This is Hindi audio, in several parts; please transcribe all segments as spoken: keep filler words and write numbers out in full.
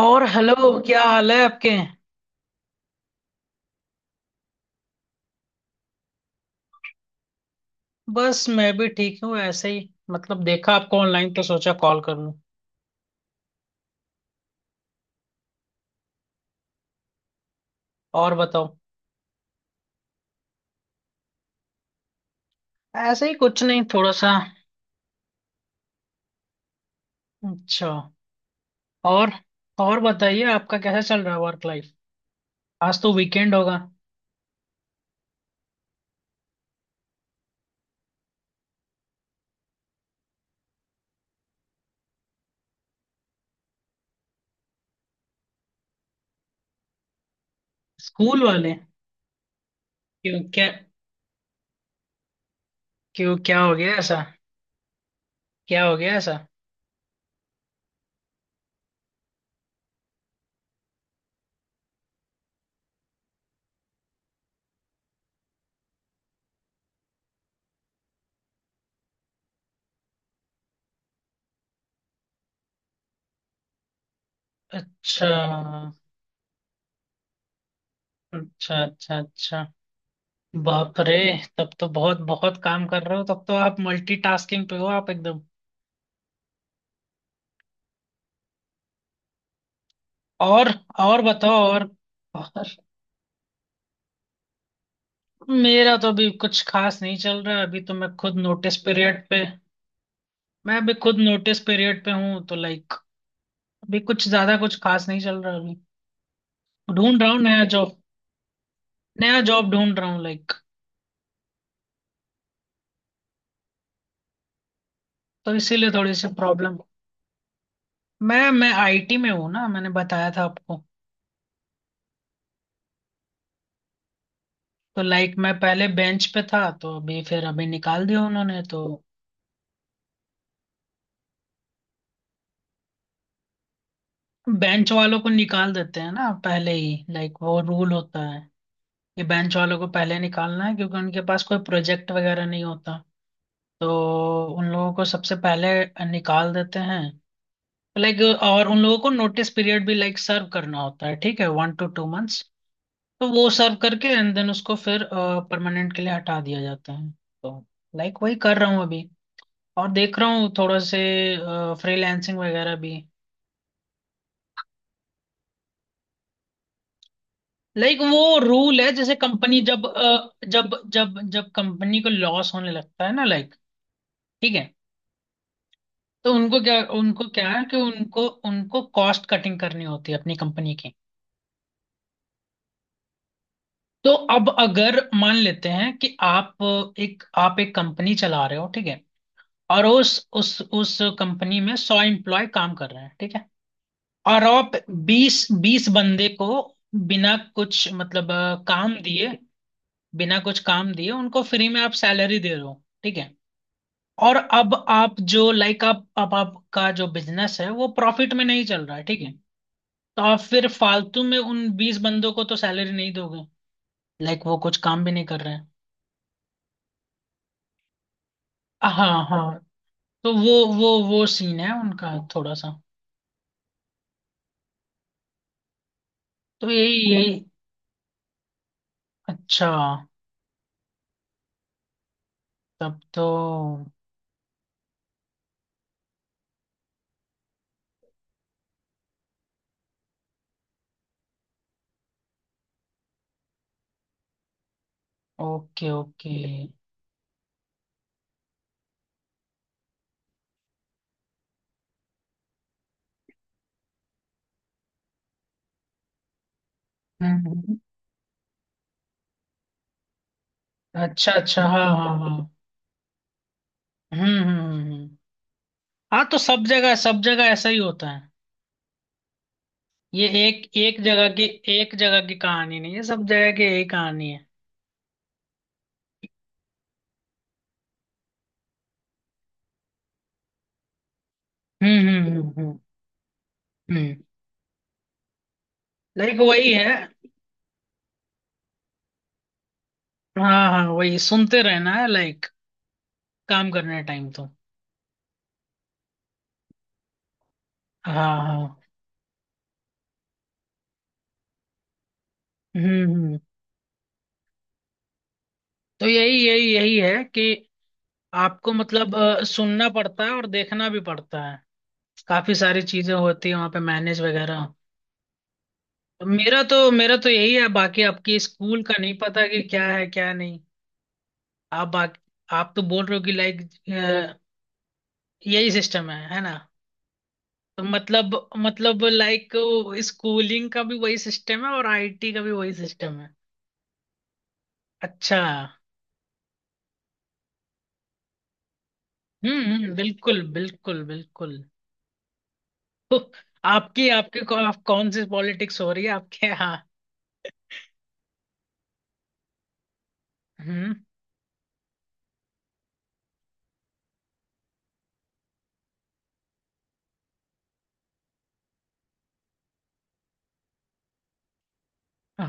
और हेलो। क्या हाल है आपके? बस मैं भी ठीक हूँ, ऐसे ही मतलब देखा आपको ऑनलाइन तो सोचा कॉल कर लूँ। और बताओ। ऐसे ही कुछ नहीं, थोड़ा सा। अच्छा। और और बताइए, आपका कैसा चल रहा है वर्क लाइफ? आज तो वीकेंड होगा। स्कूल वाले? क्यों क्या? क्यों क्या हो गया ऐसा? क्या हो गया ऐसा? अच्छा, अच्छा, अच्छा। अच्छा। बाप रे! तब तो बहुत बहुत काम कर रहे हो। तब तो आप मल्टीटास्किंग पे हो आप, एकदम। और और बताओ और। और मेरा तो अभी कुछ खास नहीं चल रहा है, अभी तो मैं खुद नोटिस पीरियड पे। मैं अभी खुद नोटिस पीरियड पे हूँ तो लाइक अभी कुछ ज्यादा कुछ खास नहीं चल रहा अभी। ढूंढ रहा हूँ नया जॉब। नया जॉब ढूंढ रहा हूँ लाइक, तो इसीलिए थोड़ी सी प्रॉब्लम। मैं मैं आईटी में हूँ ना, मैंने बताया था आपको। तो लाइक मैं पहले बेंच पे था तो अभी फिर अभी निकाल दिया उन्होंने। तो बेंच वालों को निकाल देते हैं ना पहले ही, लाइक वो रूल होता है कि बेंच वालों को पहले निकालना है, क्योंकि उनके पास कोई प्रोजेक्ट वगैरह नहीं होता। तो उन लोगों को सबसे पहले निकाल देते हैं, लाइक। और उन लोगों को नोटिस पीरियड भी लाइक सर्व करना होता है, ठीक है, वन टू टू मंथ्स। तो वो सर्व करके एंड देन उसको फिर परमानेंट के लिए हटा दिया जाता है। तो लाइक वही कर रहा हूँ अभी। और देख रहा हूँ थोड़ा से फ्रीलैंसिंग वगैरह भी। लाइक वो रूल है, जैसे कंपनी जब अ, जब जब जब कंपनी को लॉस होने लगता है ना, लाइक। ठीक है। तो उनको क्या उनको क्या है कि उनको उनको कॉस्ट कटिंग करनी होती है अपनी कंपनी की। तो अब अगर मान लेते हैं कि आप एक आप एक कंपनी चला रहे हो, ठीक है। और उस उस उस कंपनी में सौ एम्प्लॉय काम कर रहे हैं, ठीक है। और आप बीस बीस बंदे को बिना कुछ मतलब अ, काम दिए, बिना कुछ काम दिए उनको फ्री में आप सैलरी दे रहे हो, ठीक है। और अब आप जो लाइक आप अब आपका जो बिजनेस है वो प्रॉफिट में नहीं चल रहा है, ठीक है। तो आप फिर फालतू में उन बीस बंदों को तो सैलरी नहीं दोगे, लाइक वो कुछ काम भी नहीं कर रहे हैं। हाँ, हाँ। तो वो वो वो सीन है उनका, थोड़ा सा। तो यही यही। अच्छा। तब तो ओके, ओके। हम्म, हम्म। अच्छा, अच्छा, हाँ, हाँ, हाँ। हम्म, हम्म, हम्म, हम्म। हाँ तो सब जगह सब जगह ऐसा ही होता है। ये एक एक जगह की, एक जगह की कहानी नहीं है, सब जगह की यही कहानी है। हम्म, हम्म, हम्म, हम्म। लाइक वही है। हाँ, हाँ, वही सुनते रहना है लाइक काम करने टाइम तो। हाँ, हाँ। हम्म, हम्म। तो यही यही यही है कि आपको मतलब अ, सुनना पड़ता है और देखना भी पड़ता है। काफी सारी चीजें होती है वहाँ पे, मैनेज वगैरह। मेरा तो मेरा तो यही है, बाकी आपकी स्कूल का नहीं पता कि क्या है क्या नहीं। आप बाकी आप तो बोल रहे हो कि लाइक यही सिस्टम है है ना। तो मतलब मतलब लाइक स्कूलिंग का भी वही सिस्टम है और आईटी का भी वही सिस्टम है। अच्छा। हम्म, हम्म, बिल्कुल, बिल्कुल, बिल्कुल। तो आपकी आपके कौ- आप कौन सी पॉलिटिक्स हो रही है आपके यहाँ? हम्म।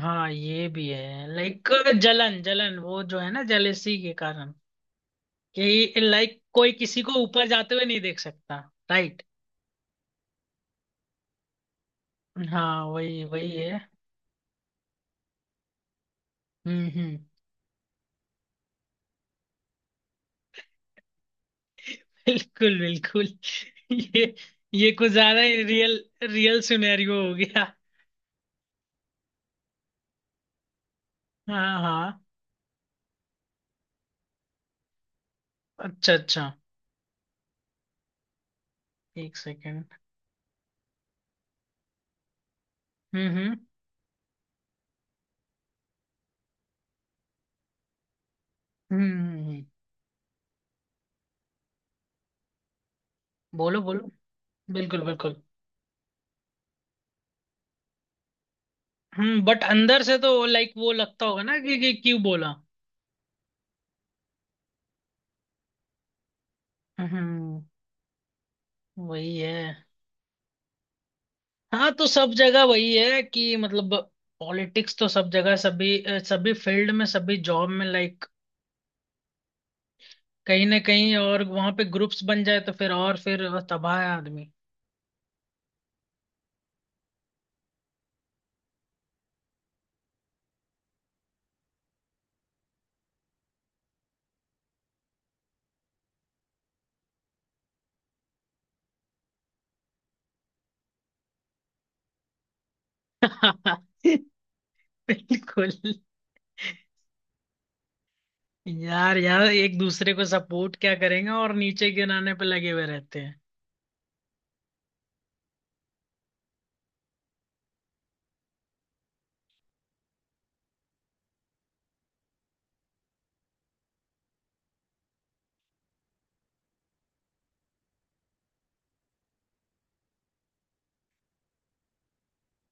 हाँ ये भी है लाइक। जलन, जलन वो जो है ना, जेलेसी के कारण कि लाइक कोई किसी को ऊपर जाते हुए नहीं देख सकता। राइट। हाँ वही वही है। हम्म, हम्म, बिल्कुल, बिल्कुल। ये ये कुछ ज्यादा ही रियल, रियल सिनेरियो हो गया। हाँ, हाँ। अच्छा, अच्छा। एक सेकेंड। हम्म, हम्म, हम्म, हम्म, हम्म। बोलो, बोलो। बिल्कुल, बिल्कुल। हम्म बट अंदर से तो लाइक वो लगता होगा ना कि, कि क्यों बोला। हम्म। वही है। हाँ तो सब जगह वही है कि मतलब पॉलिटिक्स तो सब जगह, सभी अ, सभी फील्ड में सभी जॉब में लाइक कहीं ना कहीं। और वहां पे ग्रुप्स बन जाए तो फिर, और फिर तबाह है आदमी। बिल्कुल। यार, यार एक दूसरे को सपोर्ट क्या करेंगे, और नीचे गिराने पे लगे हुए रहते हैं।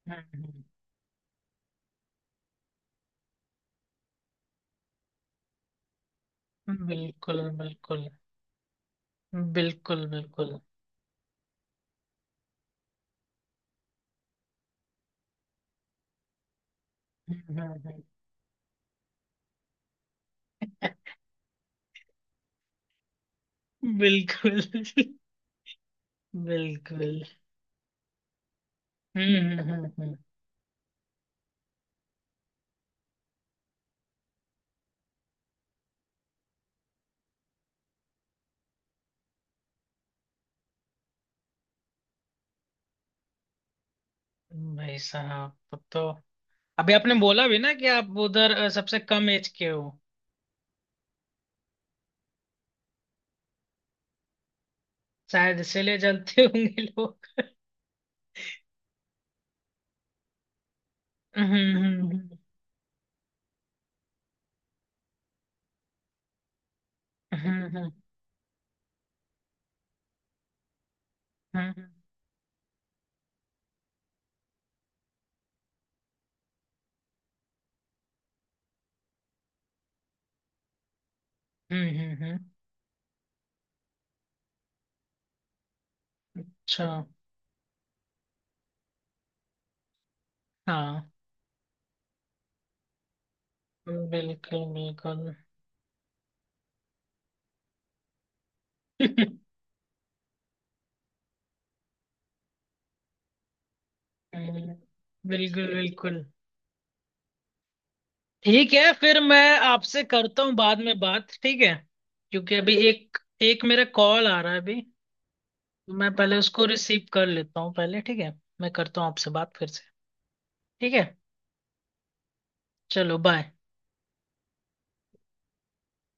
हम्म, हम्म, बिल्कुल, बिल्कुल, बिल्कुल, बिल्कुल। हम्म, हम्म, हम्म, बिल्कुल। बिल्कुल। हम्म, हम्म, हम्म, हम्म। भाई साहब! तब तो अभी आपने बोला भी ना कि आप उधर अ, सबसे कम एज के हो, शायद इसीलिए जलते होंगे लोग। हम्म, हम्म, हम्म, हम्म। हम्म, हम्म, हम्म, हम्म। अच्छा। हाँ। बिल्कुल, बिल्कुल। हम्म, बिल्कुल, बिल्कुल। ठीक है, फिर मैं आपसे करता हूँ बाद में बात, ठीक है। क्योंकि अभी एक एक मेरा कॉल आ रहा है अभी। तो मैं पहले उसको रिसीव कर लेता हूँ पहले, ठीक है। मैं करता हूँ आपसे बात फिर से। ठीक है। चलो बाय।